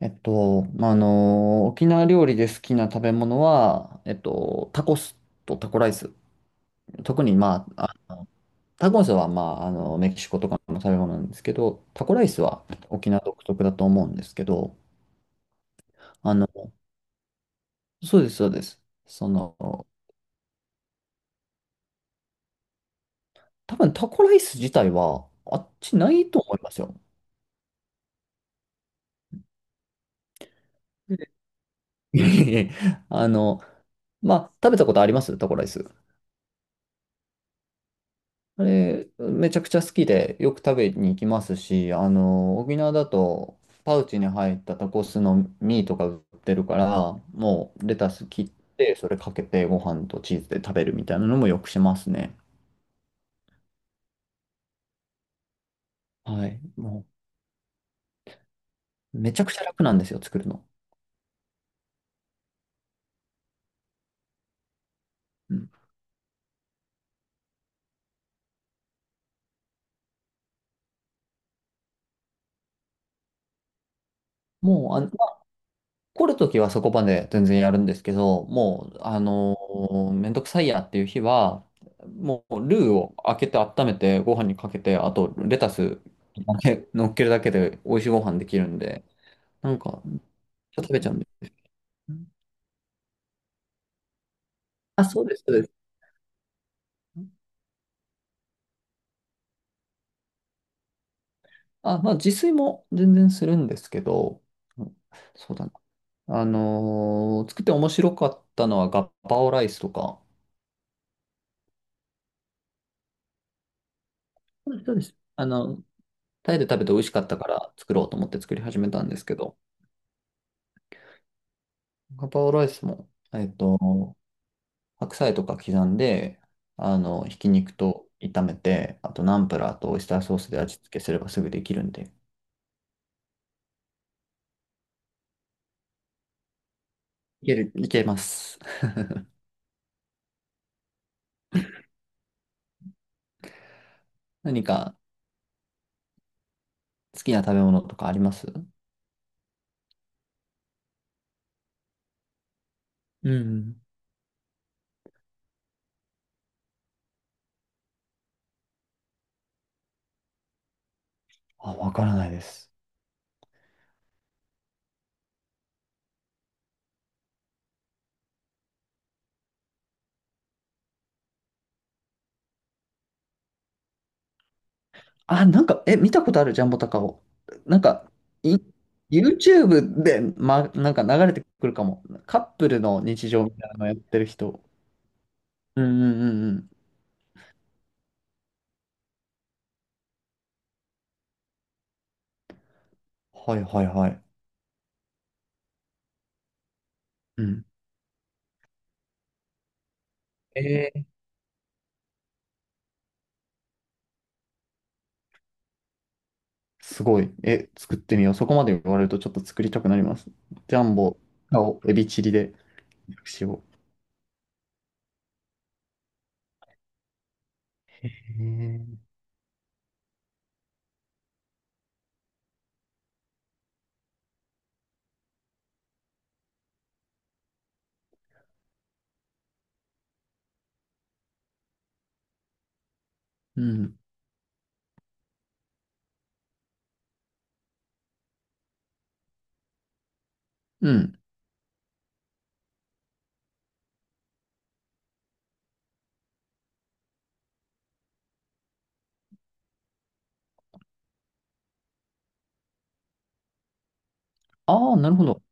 沖縄料理で好きな食べ物は、タコスとタコライス。特に、タコスは、メキシコとかの食べ物なんですけど、タコライスは沖縄独特だと思うんですけど、あの、そうです、そうです。多分タコライス自体は、あっちないと思いますよ。いえいえあの、まあ、食べたことありますタコライス。あれ、めちゃくちゃ好きでよく食べに行きますし、沖縄だとパウチに入ったタコスのミーとか売ってるから、もうレタス切って、それかけてご飯とチーズで食べるみたいなのもよくしますね。はい。もう、めちゃくちゃ楽なんですよ、作るの。うん、もう、あ、来るときはそこまで全然やるんですけど、もう、めんどくさいやっていう日は、もうルーを開けて温めてご飯にかけて、あとレタスだけ乗っけるだけで美味しいご飯できるんで、なんか、食べちゃうんで。あ、そうです、そうです。あ、まあ自炊も全然するんですけど、うん、そうだな。作って面白かったのはガッパオライスとか、そうです、そうです。あの、タイで食べて美味しかったから作ろうと思って作り始めたんですけど、ガパオライスも、白菜とか刻んで、ひき肉と炒めて、あとナンプラーとオイスターソースで味付けすればすぐできるんで。いける、いけます。何か好きな食べ物とかあります？うん。あ、わからないです。あ、なんか、見たことあるジャンボタカオ。なんか、い、YouTube で、ま、なんか流れてくるかも。カップルの日常みたいなのやってる人。うんうんうんうん。はいはいはい。うん。えー、すごい。え、作ってみよう。そこまで言われるとちょっと作りたくなります。ジャンボ、カオ、エビチリで、しよう。へー、うん。うん。ああ、なるほど。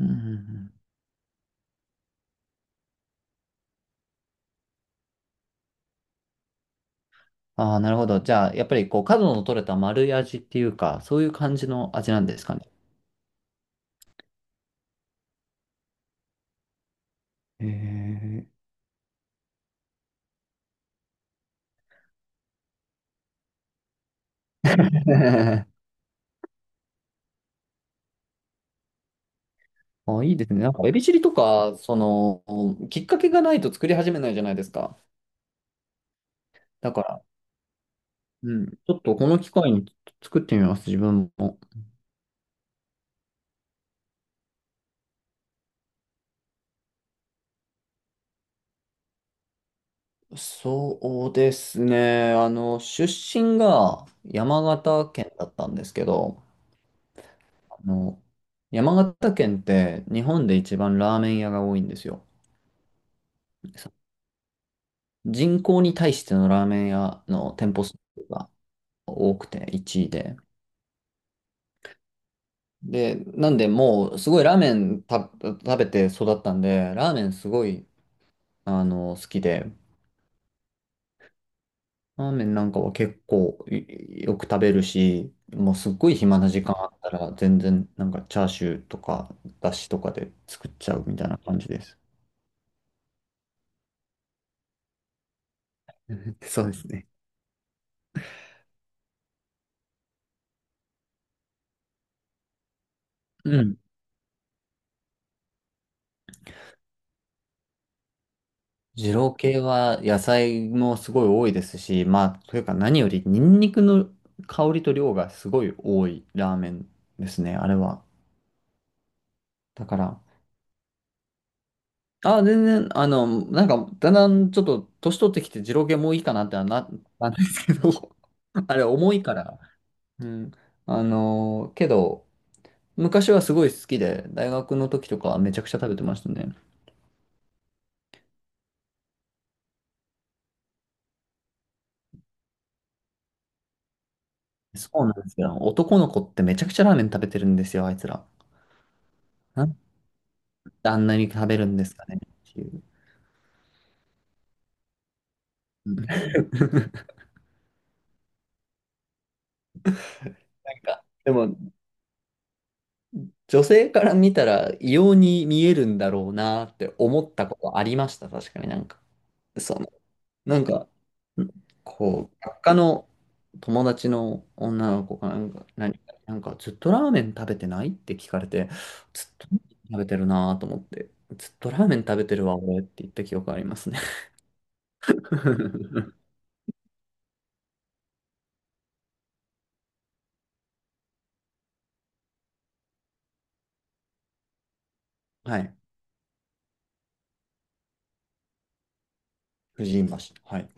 うんうんうん、ああ、なるほど。じゃあ、やっぱりこう、角の取れた丸い味っていうか、そういう感じの味なんですかね。へえ。あ、いいですね。なんか、エビチリとか、きっかけがないと作り始めないじゃないですか。だから、うん、ちょっとこの機会に作ってみます、自分も。そうですね。あの、出身が山形県だったんですけど、あの、山形県って日本で一番ラーメン屋が多いんですよ。そ人口に対してのラーメン屋の店舗数が多くて1位で。で、なんでもうすごいラーメン食べて育ったんで、ラーメンすごいあの好きで、ラーメンは結構よく食べるし、もうすっごい暇な時間あったら全然なんかチャーシューとかだしとかで作っちゃうみたいな感じです。そうですね。うん。二郎系は野菜もすごい多いですし、まあ、というか何よりニンニクの香りと量がすごい多いラーメンですね、あれは。だから、あ、全然、だんだんちょっと年取ってきて二郎系もういいかなってはな、なんですけど、あれ重いから。うん。けど、昔はすごい好きで、大学の時とかはめちゃくちゃ食べてましたね。そうなんですよ。男の子ってめちゃくちゃラーメン食べてるんですよ、あいつら。なんであんなに食べるんですかねっていう。うん なんか、でも、女性から見たら異様に見えるんだろうなって思ったことありました、確かになんか。そのなんか、んこう、学科の友達の女の子がなんか、ずっとラーメン食べてないって聞かれて、ずっとラーメン食べてるなと思って、ずっとラーメン食べてるわ、俺って言った記憶ありますね。はい。藤井橋。はい。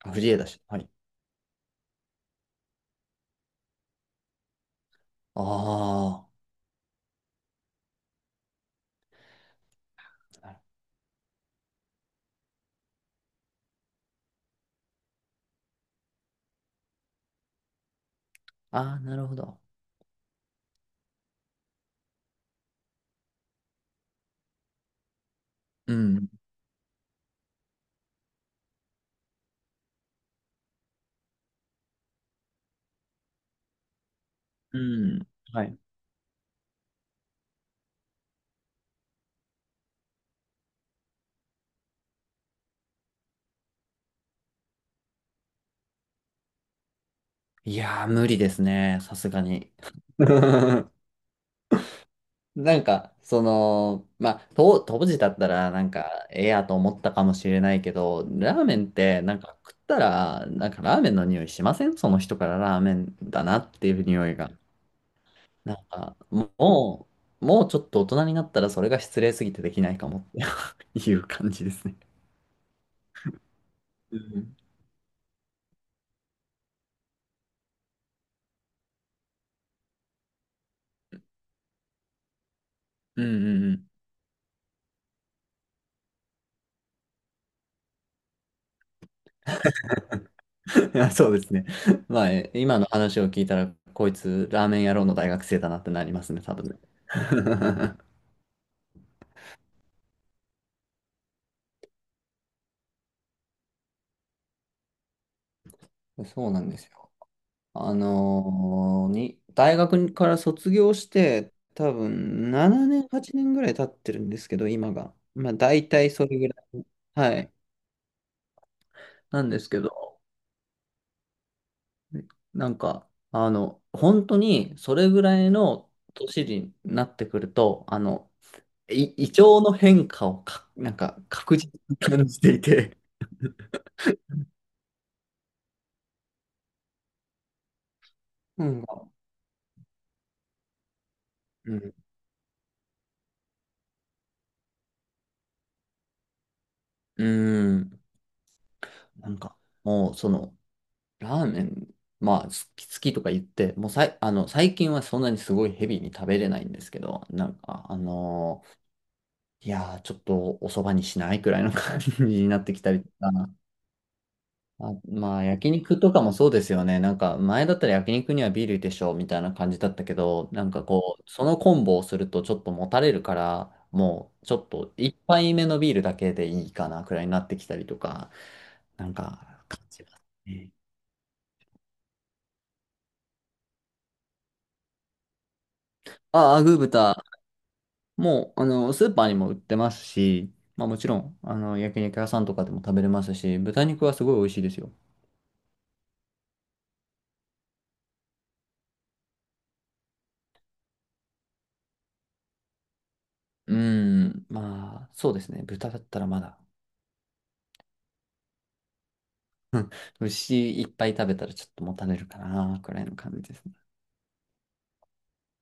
あ、藤枝市。はい。ああ。ああ、なるほど。うん。うん。はい。いやー、無理ですね。さすがに。まあ、と当時だったら、なんか、ええやと思ったかもしれないけど、ラーメンって、なんか食ったら、なんかラーメンの匂いしません？その人からラーメンだなっていう匂いが。なんか、もう、もうちょっと大人になったら、それが失礼すぎてできないかもって いう感じですね。うん。うんうんうん。いや、そうですね。まあ、え今の話を聞いたら、こいつ、ラーメン野郎の大学生だなってなりますね、多分ね。そうなんですよ。あのーに、大学から卒業して、多分7年、8年ぐらい経ってるんですけど、今が。まあ、大体それぐらい。はい。なんですけど、なんか、あの、本当にそれぐらいの年になってくると、あの、胃腸の変化をか、なんか確実に感じていて、うん、うん、うん、なんか、もうその、ラーメン、まあ、好きとか言って、もうさい、あの、最近はそんなにすごいヘビーに食べれないんですけど、いやー、ちょっとお蕎麦にしないくらいの感じになってきたりとか、あ、まあ、焼肉とかもそうですよね。なんか、前だったら焼肉にはビールでしょ、みたいな感じだったけど、なんかこう、そのコンボをするとちょっともたれるから、もう、ちょっと一杯目のビールだけでいいかな、くらいになってきたりとか、なんか、感じますね。ああ、グー豚。もう、あの、スーパーにも売ってますし、まあもちろん、あの、焼肉屋さんとかでも食べれますし、豚肉はすごい美味しいですよ。うーん、まあ、そうですね。豚だったらまだ。うん、牛いっぱい食べたらちょっともたれるかな、くらいの感じですね。